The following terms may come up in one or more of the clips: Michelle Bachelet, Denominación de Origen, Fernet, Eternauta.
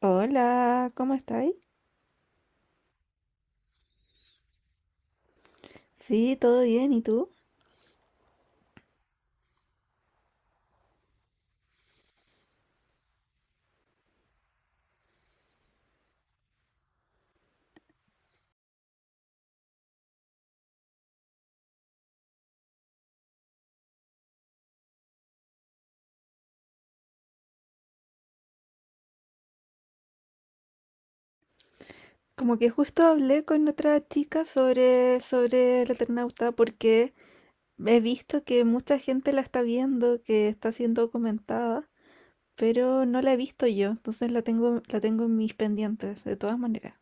Hola, ¿cómo estáis? Sí, todo bien, ¿y tú? Como que justo hablé con otra chica sobre el Eternauta porque he visto que mucha gente la está viendo, que está siendo comentada, pero no la he visto yo, entonces la tengo en mis pendientes, de todas maneras.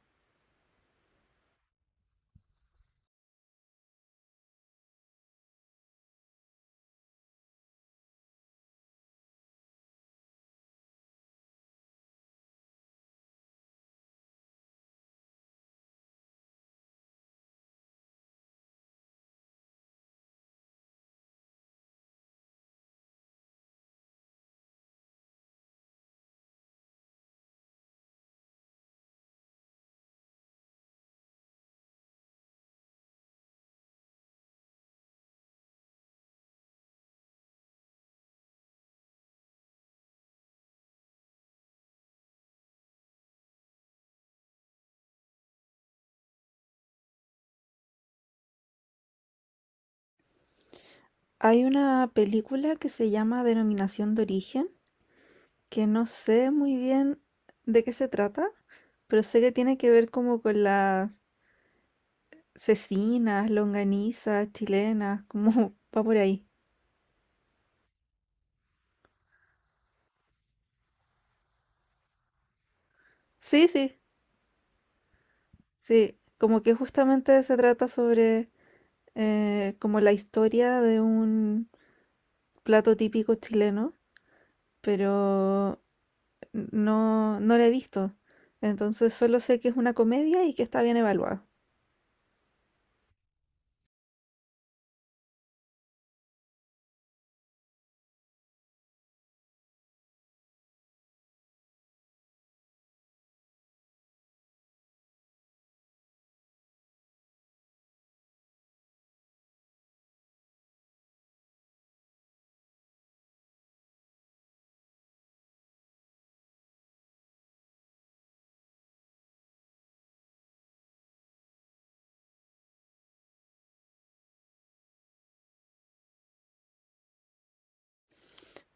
Hay una película que se llama Denominación de Origen, que no sé muy bien de qué se trata, pero sé que tiene que ver como con la cecinas, longanizas, chilenas, como va por ahí. Sí, sí, sí, como que justamente se trata sobre como la historia de un plato típico chileno, pero no la he visto. Entonces solo sé que es una comedia y que está bien evaluada.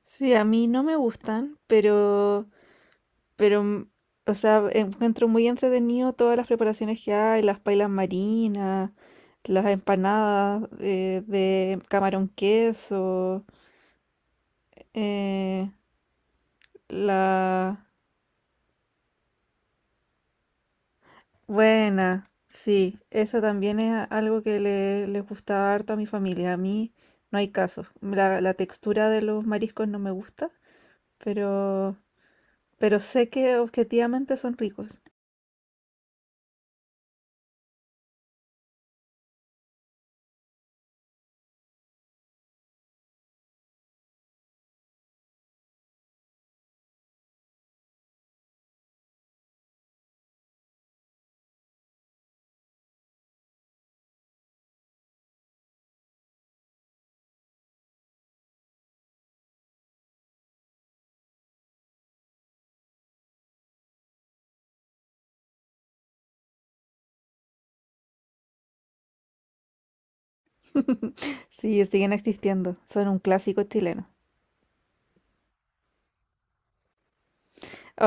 Sí, a mí no me gustan, pero, o sea, encuentro muy entretenido todas las preparaciones que hay, las pailas marinas, las empanadas de camarón queso, eh, la buena, sí, esa también es algo que les gustaba harto a mi familia. A mí no hay caso. La textura de los mariscos no me gusta, pero, pero sé que objetivamente son ricos. Sí, siguen existiendo. Son un clásico chileno.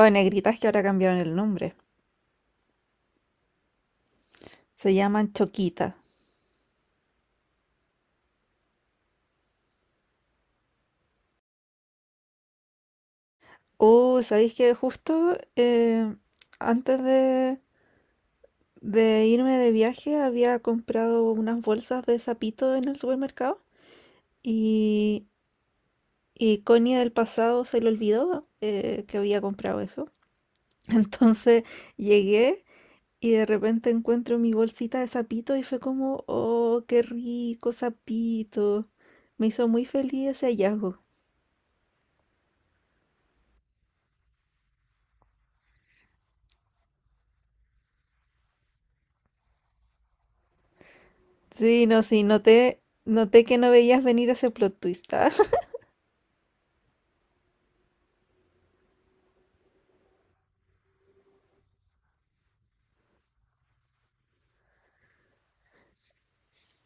O negritas que ahora cambiaron el nombre. Se llaman choquita. Oh, ¿sabéis que justo antes de irme de viaje había comprado unas bolsas de sapito en el supermercado y, y Connie del pasado se le olvidó que había comprado eso. Entonces llegué y de repente encuentro mi bolsita de sapito y fue como, oh, qué rico sapito. Me hizo muy feliz ese hallazgo. Sí, no, sí, noté que no veías venir ese plot twist.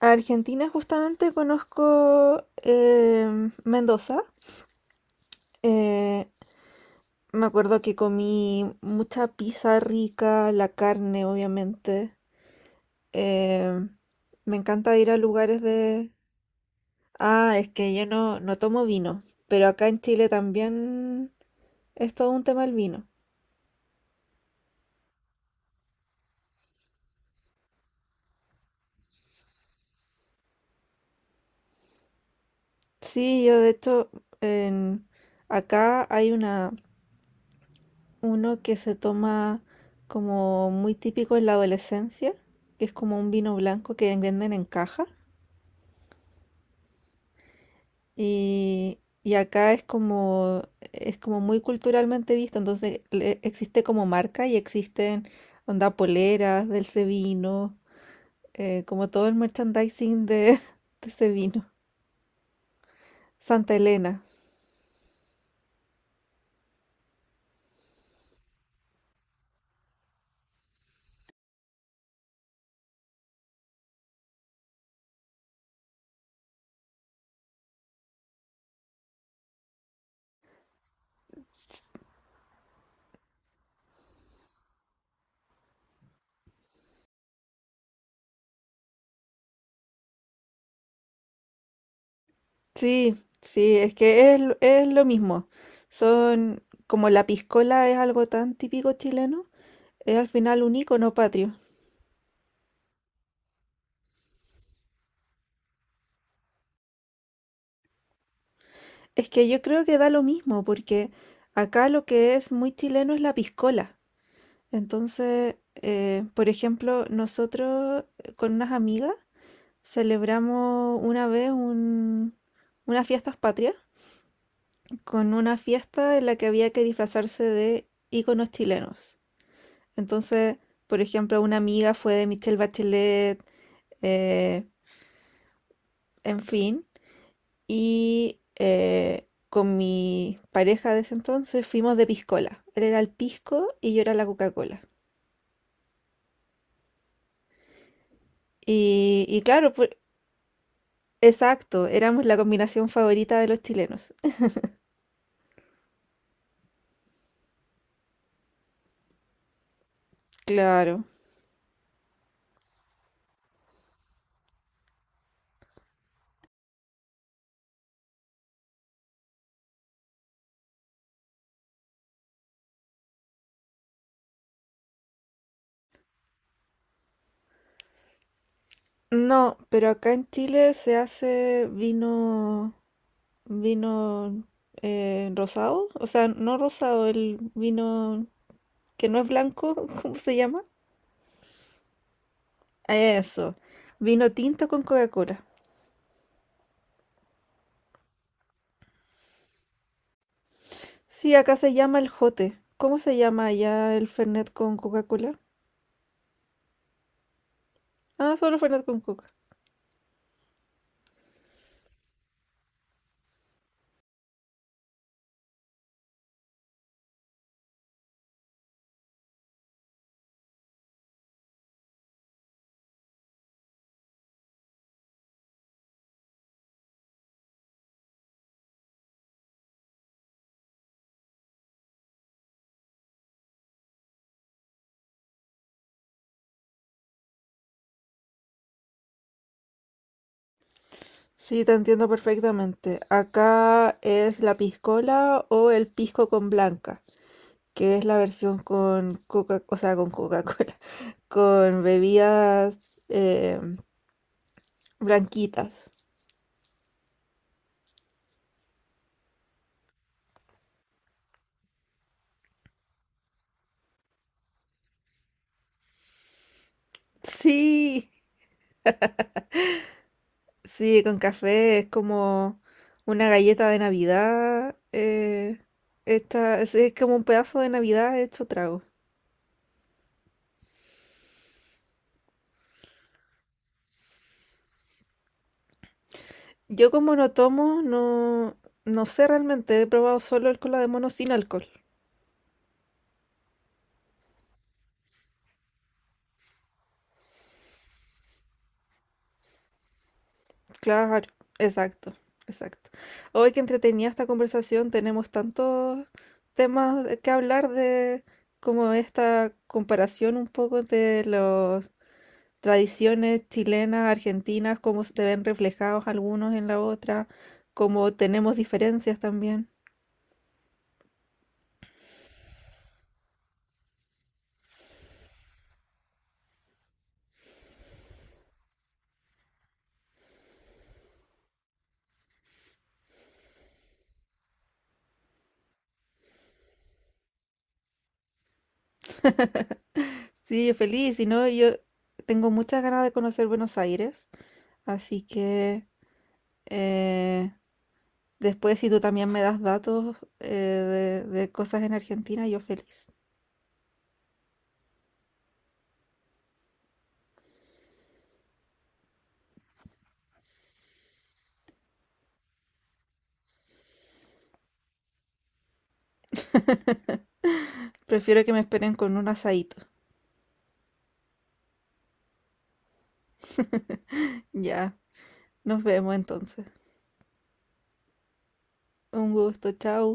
Argentina justamente conozco em, Mendoza. Eh, me acuerdo que comí mucha pizza rica, la carne obviamente. Em, me encanta ir a lugares de... Ah, es que yo no tomo vino, pero acá en Chile también es todo un tema el vino. Sí, yo de hecho en- acá hay una. Uno que se toma como muy típico en la adolescencia, que es como un vino blanco que venden en caja. Y acá es como muy culturalmente visto, entonces existe como marca y existen onda poleras del ese vino, como todo el merchandising de, de ese vino. Santa Elena. Sí, sí, es que es lo mismo. Son como la piscola es algo tan típico chileno. Es al final un icono patrio. Es que yo creo que da lo mismo, porque acá lo que es muy chileno es la piscola. Entonces, por ejemplo, nosotros con unas amigas celebramos unas fiestas patrias con una fiesta en la que había que disfrazarse de íconos chilenos. Entonces, por ejemplo, una amiga fue de Michelle Bachelet, eh, en fin. Y con mi pareja de ese entonces fuimos de piscola. Él era el pisco y yo era la Coca-Cola. Y claro, exacto, éramos la combinación favorita de los chilenos. Claro. No, pero acá en Chile se hace vino rosado, o sea, no rosado, el vino que no es blanco, ¿cómo se llama? Eso, vino tinto con Coca-Cola. Sí, acá se llama el jote. ¿Cómo se llama allá el Fernet con Coca-Cola? Ah, solo Fernet con Coca. Sí, te entiendo perfectamente. Acá es la piscola o el pisco con blanca, que es la versión con Coca, o sea, con Coca-Cola, con bebidas blanquitas. Sí, sí, con café. Es como una galleta de Navidad. Es como un pedazo de Navidad hecho trago. Yo como no tomo, no, no sé realmente, he probado solo el cola de mono sin alcohol. Claro, exacto, exacto. Hoy que entretenía esta conversación, tenemos tantos temas de que hablar de como esta comparación un poco de las tradiciones chilenas, argentinas, cómo se ven reflejados algunos en la otra, cómo tenemos diferencias también. Sí, feliz, y no, yo tengo muchas ganas de conocer Buenos Aires, así que... Eh, después, si tú también me das datos de cosas en Argentina, yo feliz. Prefiero que me esperen con un asadito. Ya, nos vemos entonces. Un gusto, chao.